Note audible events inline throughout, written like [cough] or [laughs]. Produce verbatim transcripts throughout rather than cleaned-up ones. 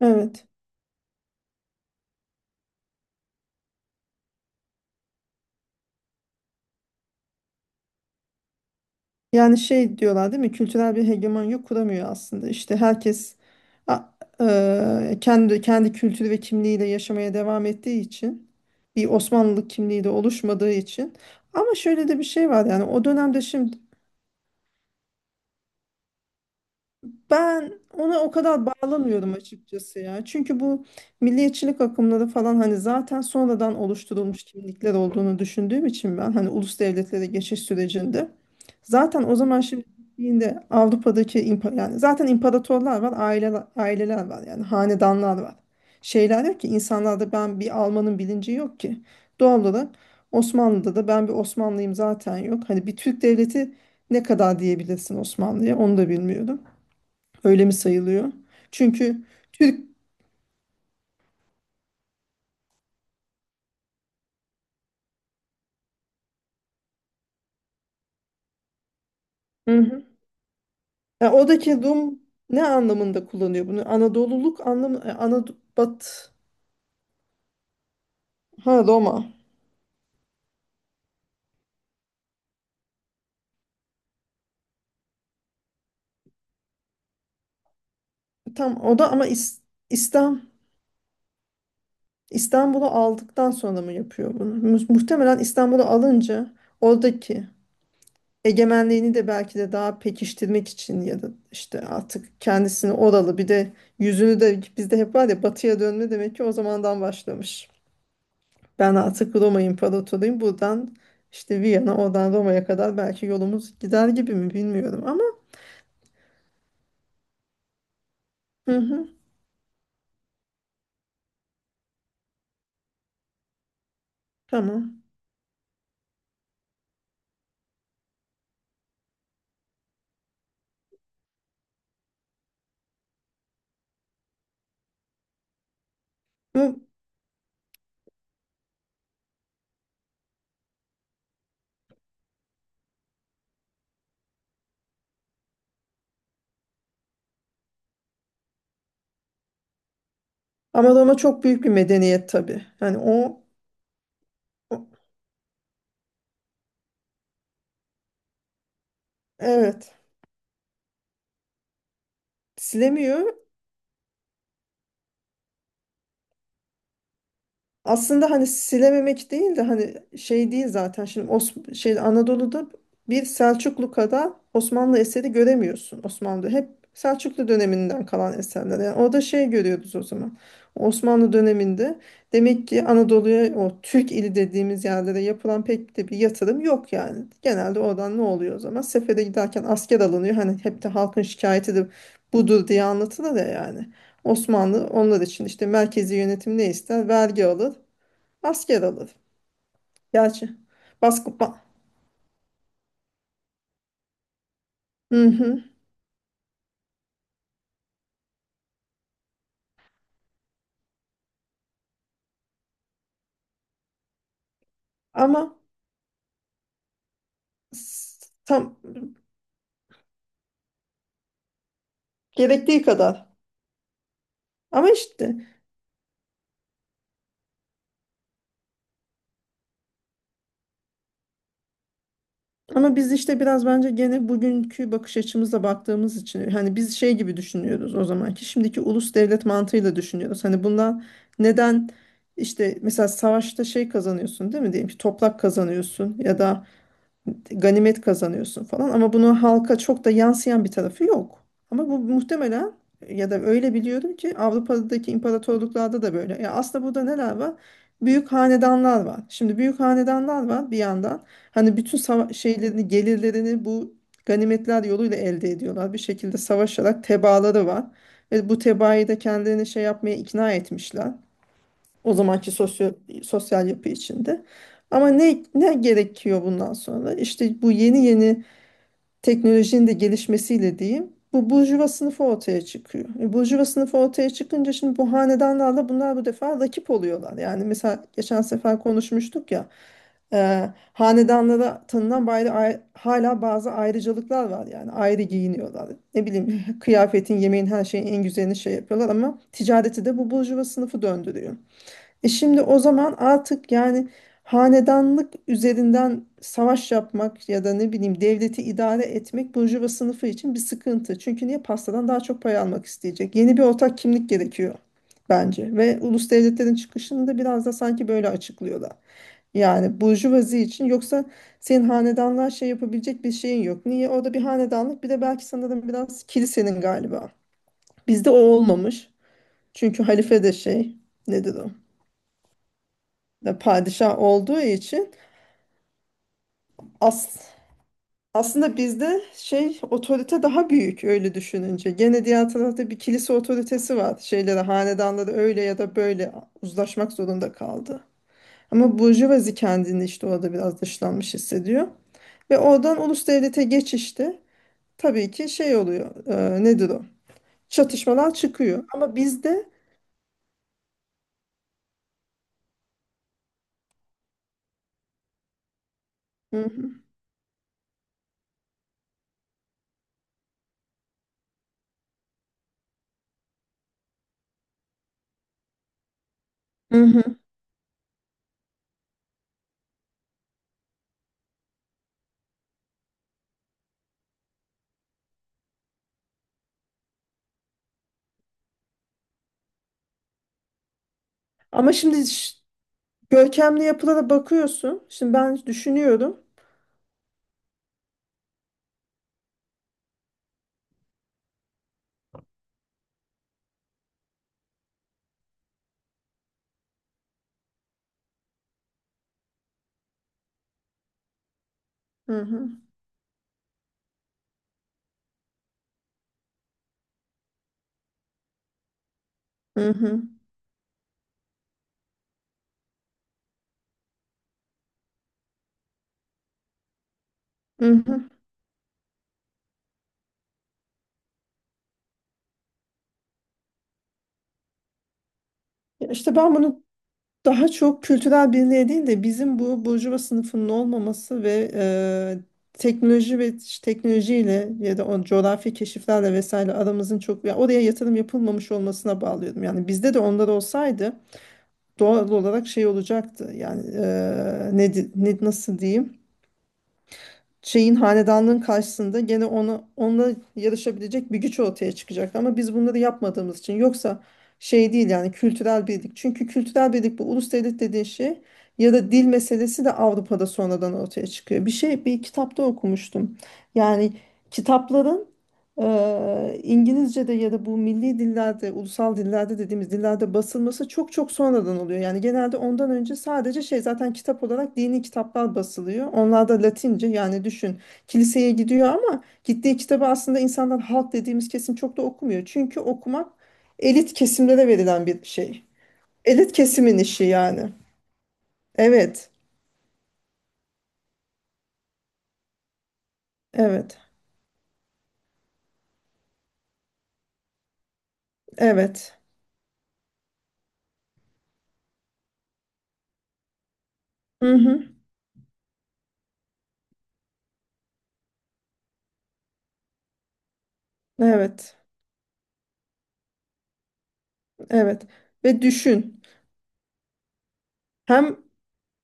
Evet. Yani şey diyorlar değil mi? Kültürel bir hegemonya kuramıyor aslında. İşte herkes a- e, kendi kendi kültürü ve kimliğiyle yaşamaya devam ettiği için bir Osmanlılık kimliği de oluşmadığı için. Ama şöyle de bir şey var yani o dönemde şimdi. Ben ona o kadar bağlamıyorum açıkçası ya. Çünkü bu milliyetçilik akımları falan hani zaten sonradan oluşturulmuş kimlikler olduğunu düşündüğüm için ben hani ulus devletlere geçiş sürecinde zaten o zaman şimdi gittiğinde Avrupa'daki impa- yani zaten imparatorlar var, aileler, aileler var yani hanedanlar var. Şeyler yok ki insanlarda, ben bir Alman'ın bilinci yok ki. Doğal olarak Osmanlı'da da ben bir Osmanlıyım zaten yok. Hani bir Türk devleti ne kadar diyebilirsin Osmanlı'ya, onu da bilmiyorum. Öyle mi sayılıyor? Çünkü Türk. Hı hı. Yani oradaki Rum ne anlamında kullanıyor bunu? Anadoluluk anlamı e, Anad, Bat ha Roma. Tam o da ama İs- İslam, İstanbul'u aldıktan sonra mı yapıyor bunu? Mu- Muhtemelen İstanbul'u alınca oradaki egemenliğini de belki de daha pekiştirmek için, ya da işte artık kendisini oralı bir de yüzünü de, bizde hep var ya batıya dönme, demek ki o zamandan başlamış. Ben artık Roma İmparatoruyum. Buradan işte Viyana, oradan Roma'ya kadar belki yolumuz gider gibi mi bilmiyorum ama. Hı hı, tamam. Bu, ama Roma çok büyük bir medeniyet tabii. Yani o, o- evet, silemiyor. Aslında hani silememek değil de, hani şey değil zaten şimdi Os şey, Anadolu'da bir Selçuklu kadar Osmanlı eseri göremiyorsun, Osmanlı hep Selçuklu döneminden kalan eserler, yani orada şey görüyoruz o zaman, Osmanlı döneminde demek ki Anadolu'ya o Türk ili dediğimiz yerlere yapılan pek de bir yatırım yok, yani genelde oradan ne oluyor o zaman, sefere giderken asker alınıyor, hani hep de halkın şikayeti de budur diye anlatılır ya, yani Osmanlı onlar için işte merkezi yönetim, ne ister vergi alır. Maskeralı. Gerçi. Basketbol. Hı hı. Ama s- tam gerektiği kadar. Ama işte, ama biz işte biraz bence gene bugünkü bakış açımızla baktığımız için hani biz şey gibi düşünüyoruz, o zamanki, şimdiki ulus devlet mantığıyla düşünüyoruz. Hani bundan neden işte mesela savaşta şey kazanıyorsun değil mi, diyelim ki toprak kazanıyorsun ya da ganimet kazanıyorsun falan, ama bunu halka çok da yansıyan bir tarafı yok. Ama bu muhtemelen, ya da öyle biliyorum ki, Avrupa'daki imparatorluklarda da böyle. Ya aslında burada neler var? Büyük hanedanlar var. Şimdi büyük hanedanlar var bir yandan. Hani bütün sava- şeylerini, gelirlerini bu ganimetler yoluyla elde ediyorlar. Bir şekilde savaşarak tebaaları var. Ve bu tebaayı da kendilerini şey yapmaya ikna etmişler. O zamanki sosyo, sosyal yapı içinde. Ama ne, ne gerekiyor bundan sonra? İşte bu yeni yeni teknolojinin de gelişmesiyle diyeyim, bu burjuva sınıfı ortaya çıkıyor. E, burjuva sınıfı ortaya çıkınca şimdi bu hanedanlarla bunlar bu defa rakip oluyorlar. Yani mesela geçen sefer konuşmuştuk ya. E, hanedanlara tanınan bayra- ay- hala bazı ayrıcalıklar var, yani ayrı giyiniyorlar. Ne bileyim [laughs] kıyafetin, yemeğin, her şeyin en güzelini şey yapıyorlar, ama ticareti de bu burjuva sınıfı döndürüyor. E şimdi o zaman artık yani hanedanlık üzerinden savaş yapmak ya da ne bileyim devleti idare etmek burjuva sınıfı için bir sıkıntı. Çünkü niye pastadan daha çok pay almak isteyecek? Yeni bir ortak kimlik gerekiyor bence, ve ulus devletlerin çıkışını da biraz da sanki böyle açıklıyorlar. Yani burjuvazi için yoksa senin hanedanlığa şey yapabilecek bir şeyin yok. Niye? Orada bir hanedanlık, bir de belki, sanırım biraz kilisenin galiba. Bizde o olmamış. Çünkü halife de şey, nedir o? Da padişah olduğu için as aslında bizde şey otorite daha büyük öyle düşününce. Gene diğer tarafta bir kilise otoritesi var. Şeyleri, hanedanları öyle ya da böyle uzlaşmak zorunda kaldı. Ama burjuvazi kendini işte orada biraz dışlanmış hissediyor. Ve oradan ulus devlete geçişte tabii ki şey oluyor, e, nedir o? Çatışmalar çıkıyor. Ama bizde. Hı hı. Hı hı. Ama şimdi ş- görkemli yapılara bakıyorsun. Şimdi ben düşünüyorum. Hı hı. Hı hı. Hı hı. Ya İşte ben bunu daha çok kültürel birliğe değil de, bizim bu burjuva sınıfının olmaması ve e, teknoloji ve ş- teknolojiyle ya da o coğrafi keşiflerle vesaire aramızın çok, ya oraya yatırım yapılmamış olmasına bağlıyordum. Yani bizde de onlar olsaydı doğal olarak şey olacaktı. Yani e, ne, di- ne nasıl diyeyim? Şeyin, hanedanlığın karşısında gene ona, onunla yarışabilecek bir güç ortaya çıkacak. Ama biz bunları yapmadığımız için, yoksa şey değil yani kültürel birlik. Çünkü kültürel birlik bu ulus devlet dediğin şey, ya da dil meselesi de Avrupa'da sonradan ortaya çıkıyor. Bir şey bir kitapta okumuştum. Yani kitapların Eee, İngilizce'de ya da bu milli dillerde, ulusal dillerde dediğimiz dillerde basılması çok çok sonradan oluyor. Yani genelde ondan önce sadece şey, zaten kitap olarak dini kitaplar basılıyor. Onlar da Latince, yani düşün, kiliseye gidiyor ama gittiği kitabı aslında insanlar, halk dediğimiz kesim çok da okumuyor. Çünkü okumak elit kesimlere verilen bir şey. Elit kesimin işi yani. Evet, evet, evet. Hı hı, evet, evet. Ve düşün. Hem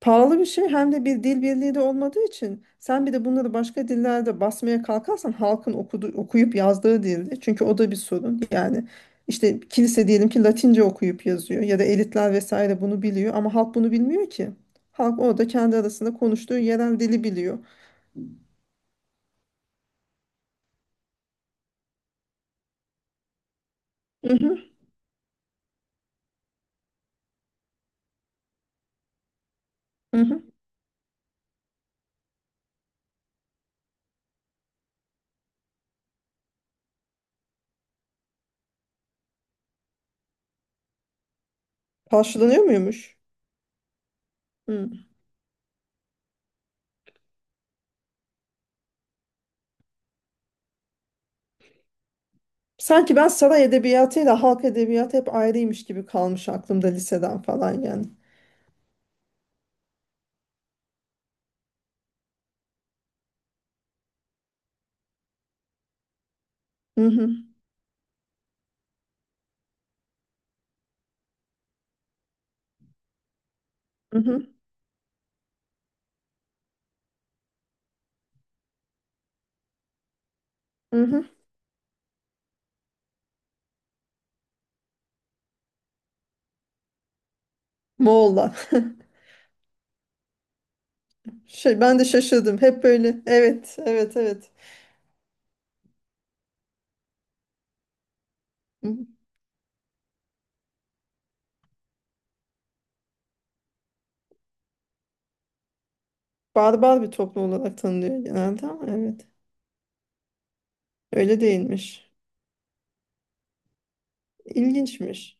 pahalı bir şey, hem de bir dil birliği de olmadığı için, sen bir de bunları başka dillerde basmaya kalkarsan, halkın okudu, okuyup yazdığı dilde, çünkü o da bir sorun yani. İşte kilise diyelim ki Latince okuyup yazıyor ya da elitler vesaire bunu biliyor ama halk bunu bilmiyor ki, halk orada kendi arasında konuştuğu yerel dili biliyor. Hı hı, hı hı. Karşılanıyor muymuş? Hı. Sanki ben saray edebiyatıyla halk edebiyatı hep ayrıymış gibi kalmış aklımda, liseden falan yani. Hı hı, hı hı, hı hı. Moğollar. [laughs] Şey, ben de şaşırdım. Hep böyle. Evet, evet, evet. Barbar bir toplum olarak tanınıyor genelde ama, evet. Öyle değilmiş. İlginçmiş.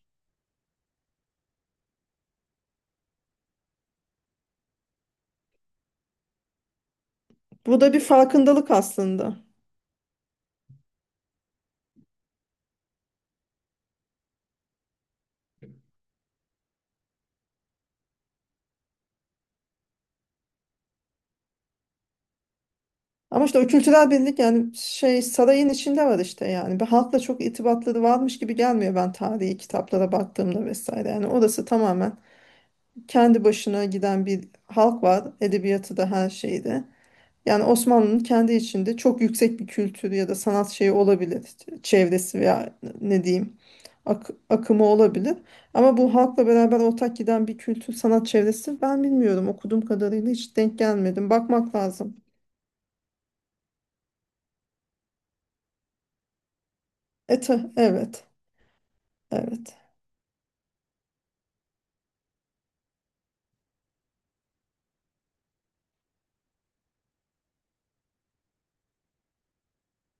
Bu da bir farkındalık aslında. Ama işte o kültürel birlik yani şey sarayın içinde var işte yani. Bir halkla çok irtibatları varmış gibi gelmiyor ben tarihi kitaplara baktığımda vesaire. Yani orası tamamen kendi başına giden bir halk var. Edebiyatı da, her şeyde. Yani Osmanlı'nın kendi içinde çok yüksek bir kültürü ya da sanat şeyi olabilir. Çevresi veya ne diyeyim ak- akımı olabilir. Ama bu halkla beraber ortak giden bir kültür sanat çevresi ben bilmiyorum. Okuduğum kadarıyla hiç denk gelmedim. Bakmak lazım. Ete, evet. Evet.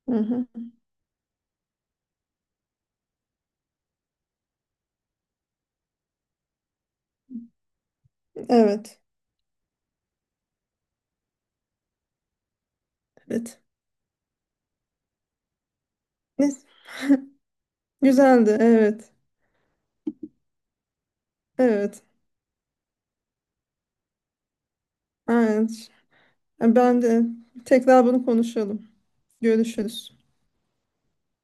Hı hı. Evet. Evet. Ne- Güzeldi. Evet. Evet. Aynen. Ben de tekrar bunu konuşalım. Görüşürüz.